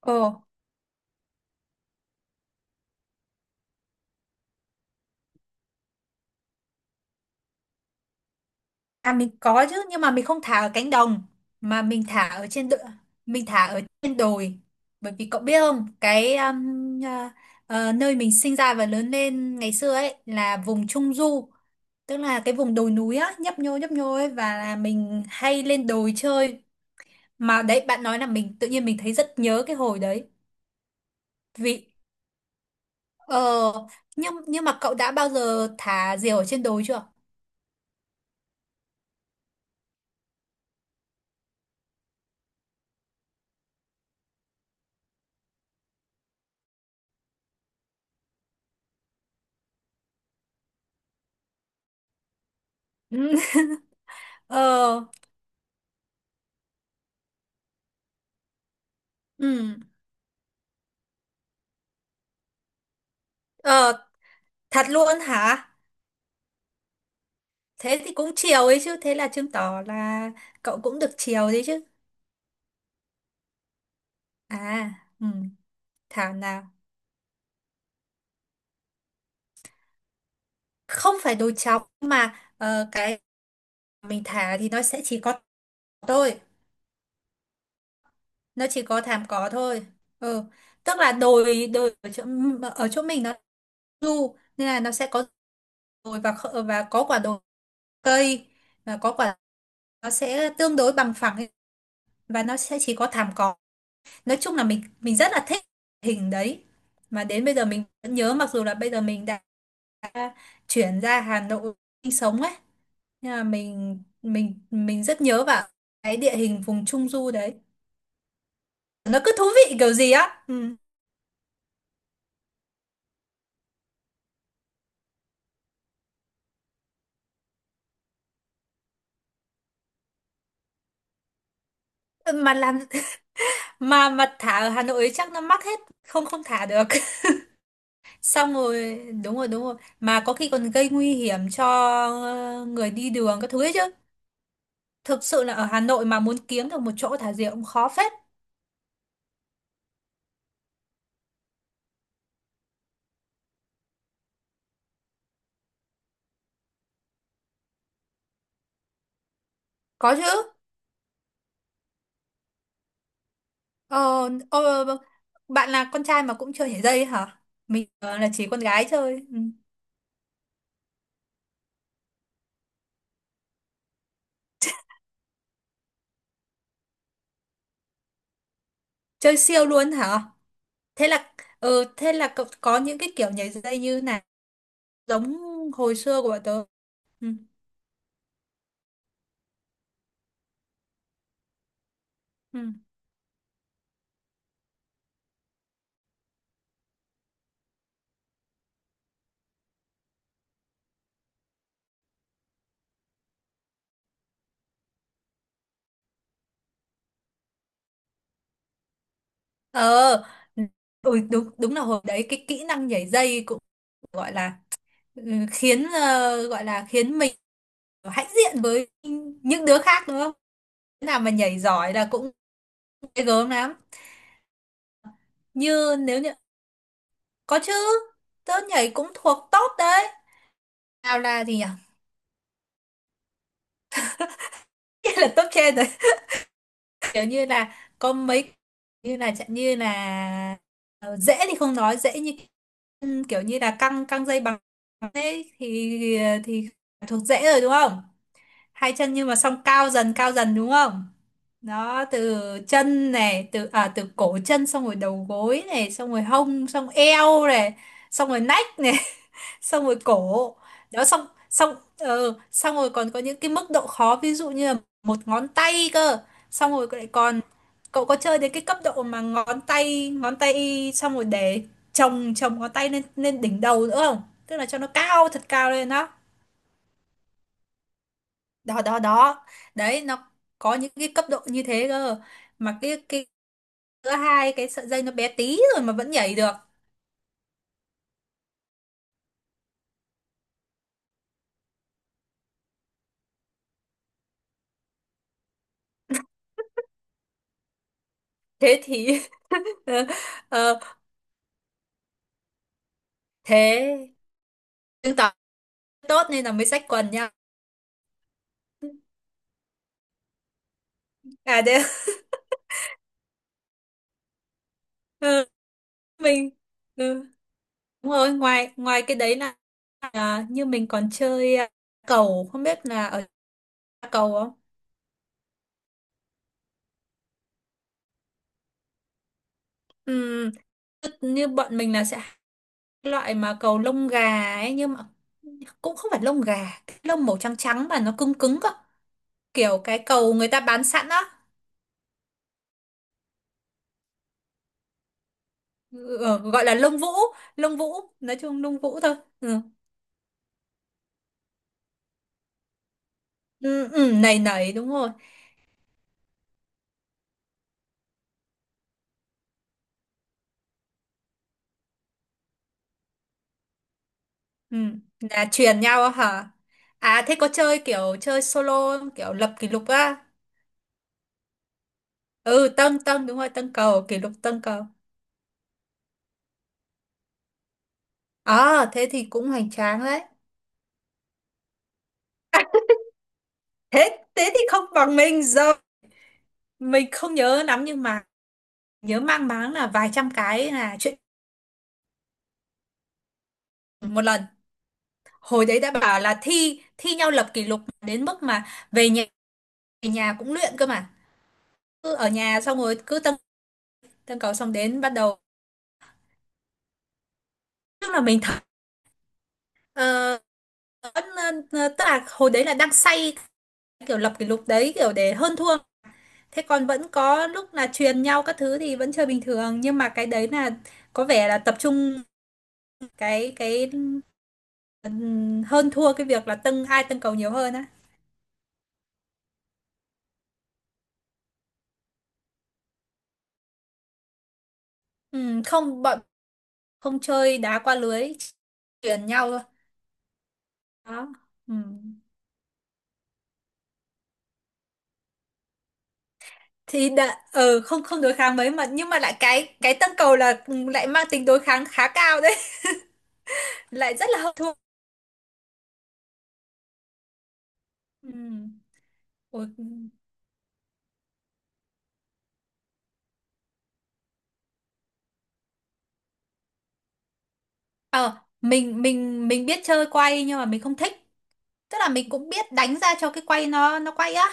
Ồ, à mình có chứ nhưng mà mình không thả ở cánh đồng mà mình thả ở trên đồi bởi vì cậu biết không. Cái à, nơi mình sinh ra và lớn lên ngày xưa ấy là vùng trung du, tức là cái vùng đồi núi á, nhấp nhô ấy, và là mình hay lên đồi chơi. Mà đấy bạn nói là mình tự nhiên mình thấy rất nhớ cái hồi đấy vì ờ nhưng mà cậu đã bao giờ thả diều ở trên đồi chưa? Ừ. Ờ. Ừ. Thật luôn hả? Thế thì cũng chiều ấy chứ. Thế là chứng tỏ là cậu cũng được chiều đấy chứ. À, ừ, thảo nào. Không phải đồi trọc mà cái mình thả thì nó sẽ chỉ có thôi. Nó chỉ có thảm cỏ thôi. Ừ, tức là đồi đồi ở chỗ mình nó du nên là nó sẽ có đồi và có quả đồi cây và có quả, nó sẽ tương đối bằng phẳng ấy, và nó sẽ chỉ có thảm cỏ. Nói chung là mình rất là thích hình đấy mà đến bây giờ mình vẫn nhớ, mặc dù là bây giờ mình đã chuyển ra Hà Nội sinh sống ấy, nhưng mà mình rất nhớ vào cái địa hình vùng Trung Du đấy, nó cứ thú vị kiểu gì á. Ừ. mà làm mà thả ở Hà Nội ấy chắc nó mắc hết, không không thả được. Xong rồi đúng rồi đúng rồi, mà có khi còn gây nguy hiểm cho người đi đường các thứ ấy chứ. Thực sự là ở Hà Nội mà muốn kiếm được một chỗ thả diều cũng khó phết. Có chứ. Ờ, ờ, bạn là con trai mà cũng chơi nhảy dây hả? Mình là chỉ con gái chơi. Ừ. Chơi siêu luôn hả? Thế là ờ, thế là cậu có những cái kiểu nhảy dây như này giống hồi xưa của bọn tớ. Ừ. Ừ. Ờ, ừ, đúng đúng là hồi đấy cái kỹ năng nhảy dây cũng gọi là ừ, khiến, ờ, gọi là khiến mình hãnh diện với những đứa khác đúng không? Đứa nào mà nhảy giỏi là cũng ghê gớm lắm. Nếu như có chứ, tớ nhảy cũng thuộc top đấy. Sao là gì nhỉ? Nghĩa là top trên rồi. Kiểu như là có mấy, như là chẳng, như là ờ, dễ thì không nói, dễ như kiểu như là căng căng dây bằng thế thì thuộc dễ rồi đúng không? Hai chân nhưng mà xong cao dần đúng không? Đó từ chân này, từ cổ chân, xong rồi đầu gối này, xong rồi hông, xong eo này, xong rồi nách này, xong rồi cổ. Đó xong xong, xong rồi còn có những cái mức độ khó ví dụ như là một ngón tay cơ, xong rồi lại còn cậu có chơi đến cái cấp độ mà ngón tay xong rồi để chồng chồng ngón tay lên lên đỉnh đầu nữa không, tức là cho nó cao thật cao lên. Đó đó đó đó, đấy nó có những cái cấp độ như thế cơ, mà cái giữa hai cái sợi dây nó bé tí rồi mà vẫn nhảy được. Thế thì ờ, thế chứng tỏ tốt nên là mới xách quần nha. À thế. Ừ. Mình. Ừ. Đúng rồi, ngoài ngoài cái đấy là, à, như mình còn chơi, à, cầu không biết là ở cầu không. Ừ. Tức như bọn mình là sẽ hay cái loại mà cầu lông gà ấy nhưng mà cũng không phải lông gà, cái lông màu trắng trắng mà nó cứng cứng cơ, kiểu cái cầu người ta bán sẵn á. Ừ, gọi là lông vũ, lông vũ nói chung, lông vũ thôi. Ừ. Ừ, ừ, nầy nầy đúng rồi. Ừ, là truyền nhau á hả? À thế có chơi kiểu chơi solo không? Kiểu lập kỷ lục á? Ừ, tân tân đúng rồi, tân cầu kỷ lục, tân cầu. À thế thì cũng hoành tráng đấy. Thế thế thì không bằng mình, giờ mình không nhớ lắm, nhưng mà nhớ mang máng là vài trăm cái là chuyện một lần. Hồi đấy đã bảo là thi thi nhau lập kỷ lục đến mức mà về nhà, về nhà cũng luyện cơ mà. Cứ ở nhà xong rồi cứ tân tân cầu, xong đến bắt đầu tức là mình thử. Ờ, vẫn, tức là hồi đấy là đang say kiểu lập kỷ lục đấy kiểu để hơn thua, thế còn vẫn có lúc là truyền nhau các thứ thì vẫn chơi bình thường, nhưng mà cái đấy là có vẻ là tập trung cái hơn thua cái việc là tâng cầu nhiều hơn á. Không, bọn không chơi đá qua lưới, truyền nhau thôi đó. Ừm. Thì đã không, không đối kháng mấy mà, nhưng mà lại cái tâng cầu là lại mang tính đối kháng khá cao đấy. Lại rất là hơn thua. Ừ. Ủa. Ờ, mình biết chơi quay nhưng mà mình không thích. Tức là mình cũng biết đánh ra cho cái quay nó quay á.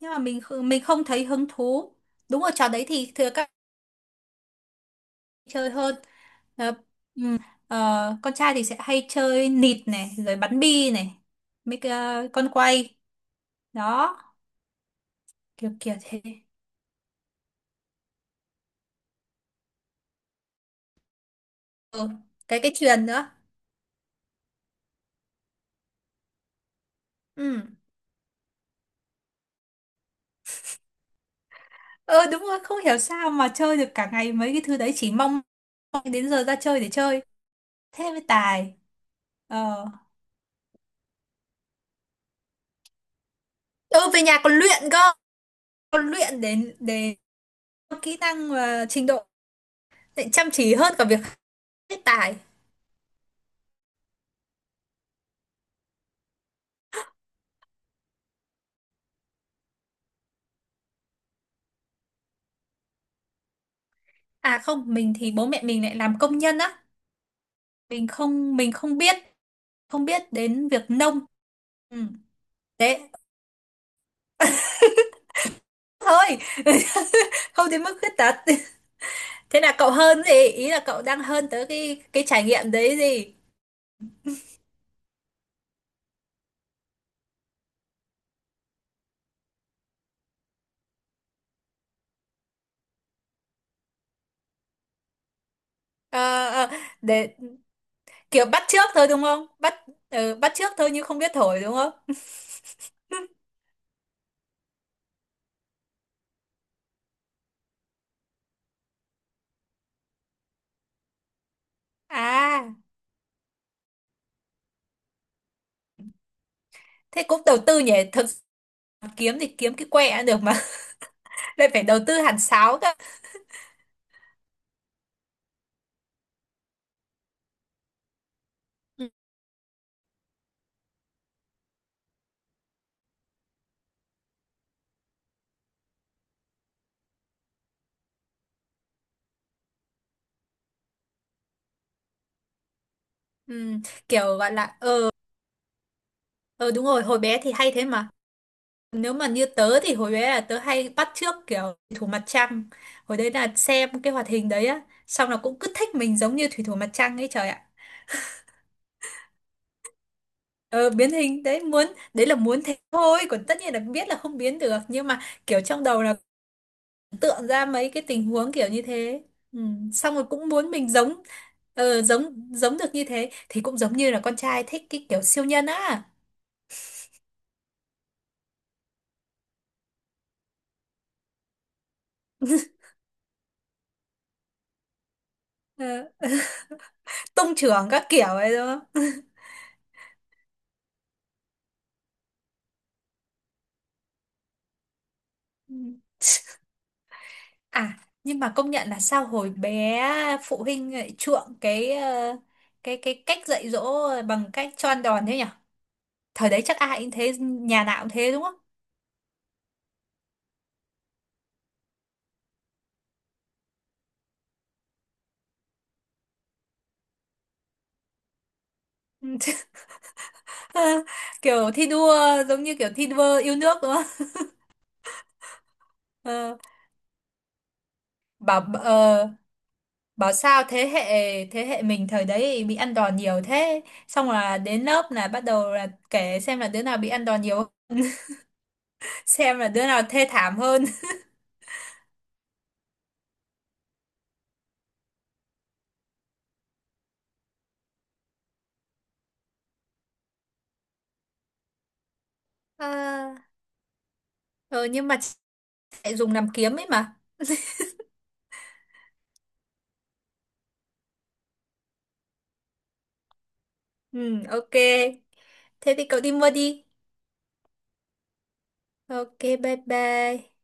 Nhưng mà mình không thấy hứng thú. Đúng rồi, trò đấy thì thừa các bạn chơi hơn. Ờ, ừ, ờ, con trai thì sẽ hay chơi nịt này, rồi bắn bi này, mấy cái, con quay đó, kiểu kiểu thế. Ừ, cái chuyền nữa. Ừ. Ờ đúng rồi, không hiểu sao mà chơi được cả ngày mấy cái thứ đấy, chỉ mong mong đến giờ ra chơi để chơi. Thế mới tài. ờ ừ, về nhà còn luyện cơ, còn luyện đến để kỹ năng và trình độ, để chăm chỉ hơn cả việc hết tài. À không, mình thì bố mẹ mình lại làm công nhân á, mình không biết đến việc nông. Ừ. Đấy thôi. Không đến mức khuyết tật. Thế là cậu hơn gì, ý là cậu đang hơn tới cái trải nghiệm đấy gì. Ờ, ờ, để kiểu bắt chước thôi đúng không, ừ, bắt chước thôi nhưng không biết thổi đúng không. À, thế cũng đầu tư nhỉ? Thực, mà kiếm thì kiếm cái quẹ cũng được mà. Lại phải đầu tư hẳn sáo cơ. Ừ, ừ, kiểu gọi là ờ, đúng rồi hồi bé thì hay thế mà. Nếu mà như tớ thì hồi bé là tớ hay bắt chước kiểu thủy thủ mặt trăng, hồi đấy là xem cái hoạt hình đấy á, xong là cũng cứ thích mình giống như thủy thủ mặt trăng ấy, trời ạ. Ờ, biến hình đấy muốn, đấy là muốn thế thôi còn tất nhiên là biết là không biến được, nhưng mà kiểu trong đầu là tượng ra mấy cái tình huống kiểu như thế. Ừ. Xong rồi cũng muốn mình giống, giống giống được như thế thì cũng giống như là con trai thích cái kiểu siêu nhân á. Ờ, tung chưởng các kiểu ấy đúng không. Ừ. À, nhưng mà công nhận là sao hồi bé phụ huynh lại chuộng cái cái cách dạy dỗ bằng cách cho ăn đòn thế nhỉ, thời đấy chắc ai cũng thế, nhà nào cũng thế đúng không. Ừ. Kiểu thi đua, giống như kiểu thi đua yêu nước đúng không. Ờ, bảo ờ, Bảo sao thế hệ, mình thời đấy bị ăn đòn nhiều thế, xong là đến lớp là bắt đầu là kể xem là đứa nào bị ăn đòn nhiều, xem là đứa nào thê thảm hơn. À, ừ, nhưng mà chị lại dùng làm kiếm ấy mà. Ừ, ok, thế thì cậu đi mua đi. Ok, bye bye.